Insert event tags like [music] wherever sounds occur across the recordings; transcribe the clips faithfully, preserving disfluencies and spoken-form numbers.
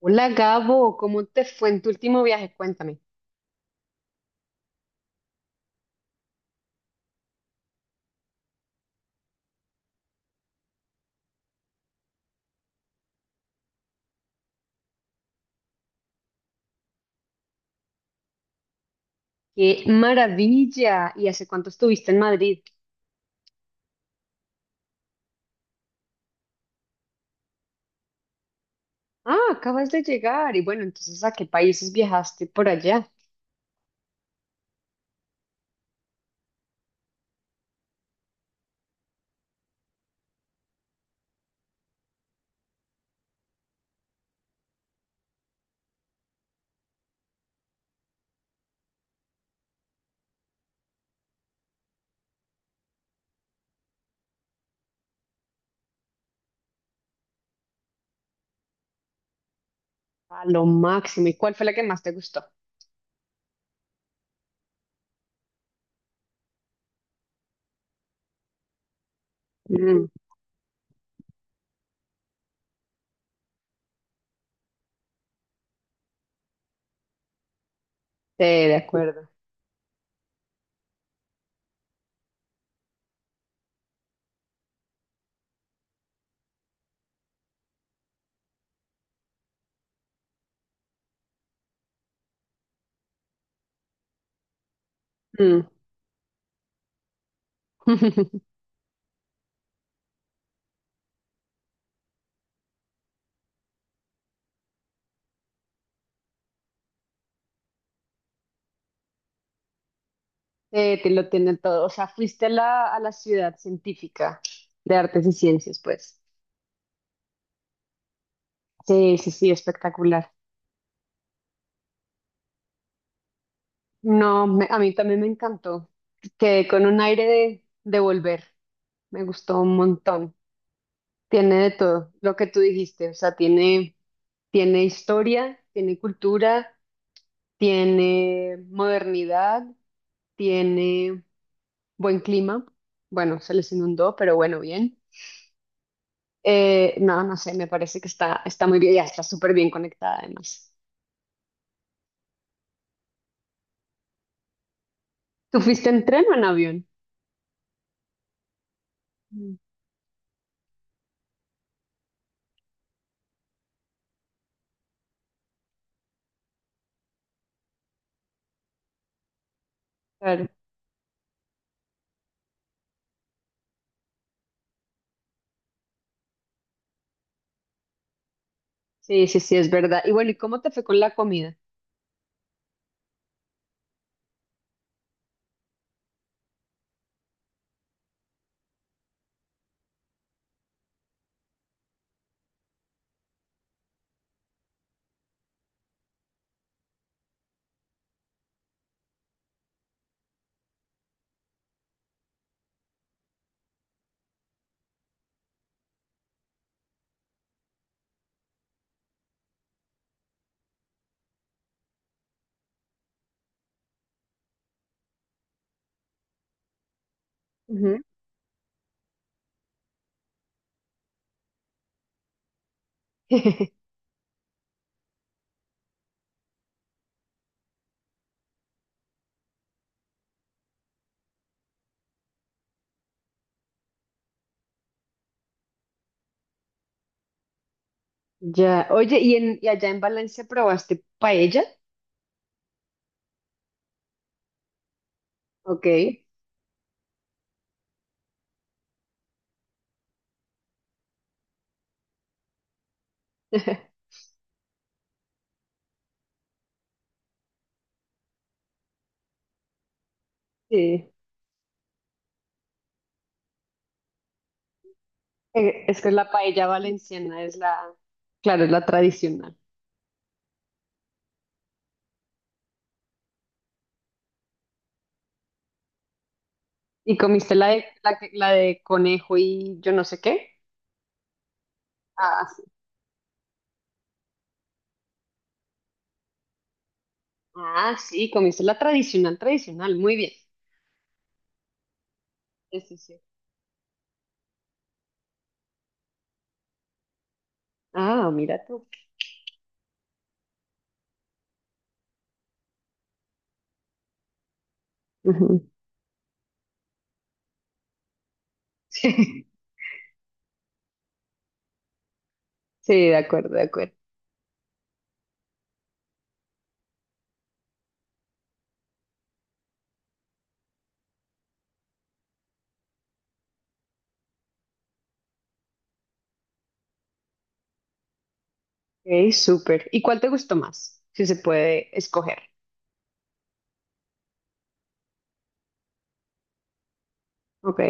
Hola Gabo, ¿cómo te fue en tu último viaje? Cuéntame. ¡Qué maravilla! ¿Y hace cuánto estuviste en Madrid? Ah, acabas de llegar. Y bueno, entonces, ¿a qué países viajaste por allá? A lo máximo. ¿Y cuál fue la que más te gustó? Mm, sí, de acuerdo. Mm. [laughs] Eh, te lo tiene todo. O sea, fuiste a la, a la ciudad científica de artes y ciencias, pues. Sí, sí, sí, espectacular. No, me- a mí también me encantó. Quedé con un aire de, de volver. Me gustó un montón. Tiene de todo lo que tú dijiste, o sea, tiene, tiene historia, tiene cultura, tiene modernidad, tiene buen clima. Bueno, se les inundó, pero bueno, bien. Eh, no, no sé, me parece que está, está muy bien, ya está súper bien conectada además. ¿Tú fuiste en tren o en avión? Mm. Claro. Sí, sí, sí, es verdad. Y bueno, ¿y cómo te fue con la comida? Ujú. [laughs] Ya, oye, ¿y, en, y allá en Valencia probaste paella? Ok. [laughs] Sí. Eh, Es que la paella valenciana es la, claro, es la tradicional. ¿Y comiste la de, la, que- la de conejo y yo no sé qué? Ah, sí. Ah, sí, comiste la tradicional, tradicional. Muy bien. Sí, sí, sí. Ah, mira tú. Ujú. [laughs] Sí, sí, de acuerdo, de acuerdo. Ok, súper. ¿Y cuál te gustó más? Si se puede escoger. Ok.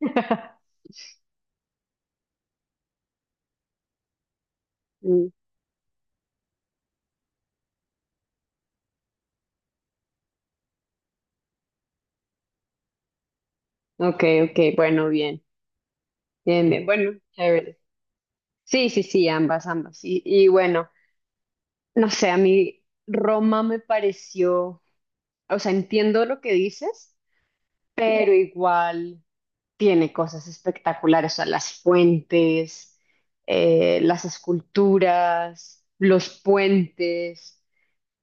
[laughs] Mm. Ok, ok, bueno, bien. Bien, bien. Bueno, chévere. Sí, sí, sí, ambas, ambas. Y, y bueno. No sé, a mí Roma me pareció, o sea, entiendo lo que dices, pero igual tiene cosas espectaculares, o sea, las fuentes, eh, las esculturas, los puentes.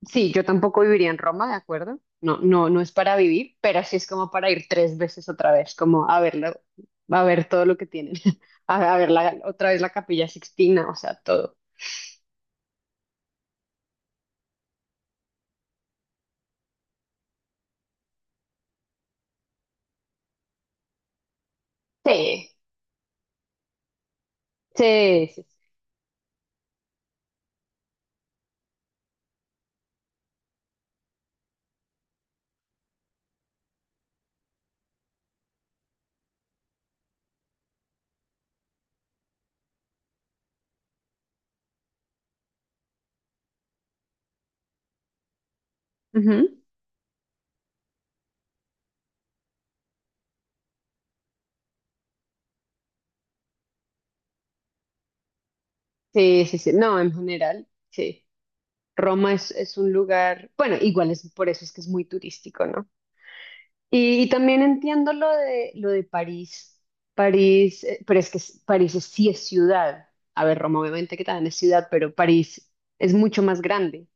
Sí, yo tampoco viviría en Roma, ¿de acuerdo? No, no, no es para vivir, pero sí es como para ir tres veces otra vez, como a verlo, a ver todo lo que tienen, [laughs] a, a ver la- otra vez la Capilla Sixtina, o sea, todo. Sí, sí, sí. Sí. Ujú. Sí, sí, sí. No, en general, sí. Roma es, es un lugar, bueno, igual es por eso es que es muy turístico, ¿no? Y, y también entiendo lo de, lo de París. París, eh, pero es que es- París es- sí es ciudad. A ver, Roma obviamente que también es ciudad, pero París es mucho más grande.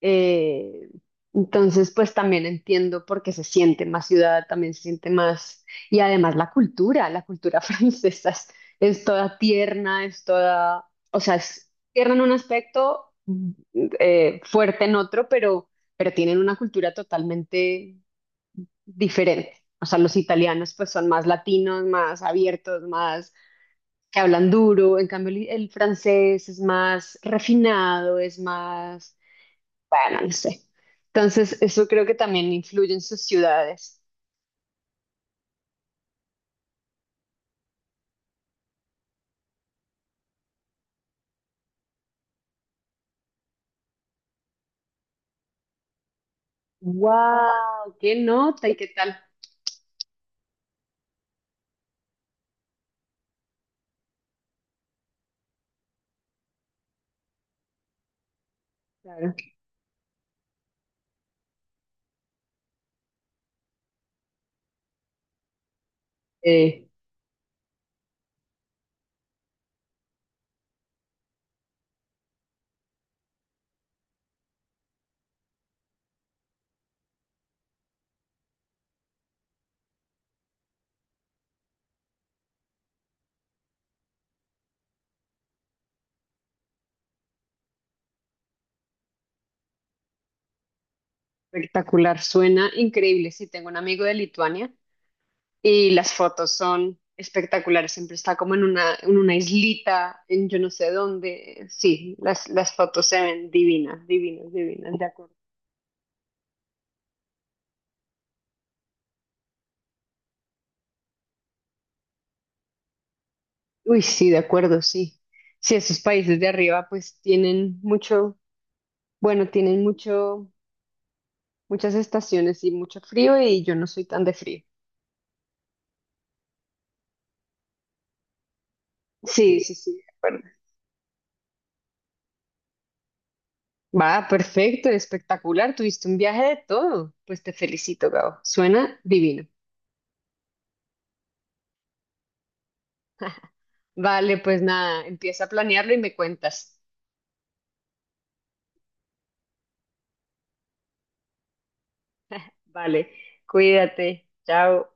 Eh, entonces, pues también entiendo por qué se siente más ciudad, también se siente más, y además la cultura, la cultura [laughs] francesa es, es toda tierna, es toda, o sea, es tierna en un aspecto, mm, eh, fuerte en otro, pero, pero tienen una cultura totalmente diferente. O sea, los italianos pues son más latinos, más abiertos, más que hablan duro, en cambio el el francés es más refinado, es más bueno, no sé. Entonces, eso creo que también influye en sus ciudades. ¡Wow! ¡Qué nota y qué tal! Claro. Eh, Espectacular, suena increíble. Sí, tengo un amigo de Lituania y las fotos son espectaculares. Siempre está como en una, en una islita, en yo no sé dónde. Sí, las, las fotos se ven divinas, divinas, divinas, de acuerdo. Uy, sí, de acuerdo, sí. Sí, esos países de arriba pues tienen mucho, bueno, tienen mucho muchas estaciones y mucho frío y yo no soy tan de frío. Sí, sí, sí, de acuerdo. Va, perfecto, espectacular. Tuviste un viaje de todo. Pues te felicito, Gabo. Suena divino. Vale, pues nada, empieza a planearlo y me cuentas. Vale, cuídate. Chao.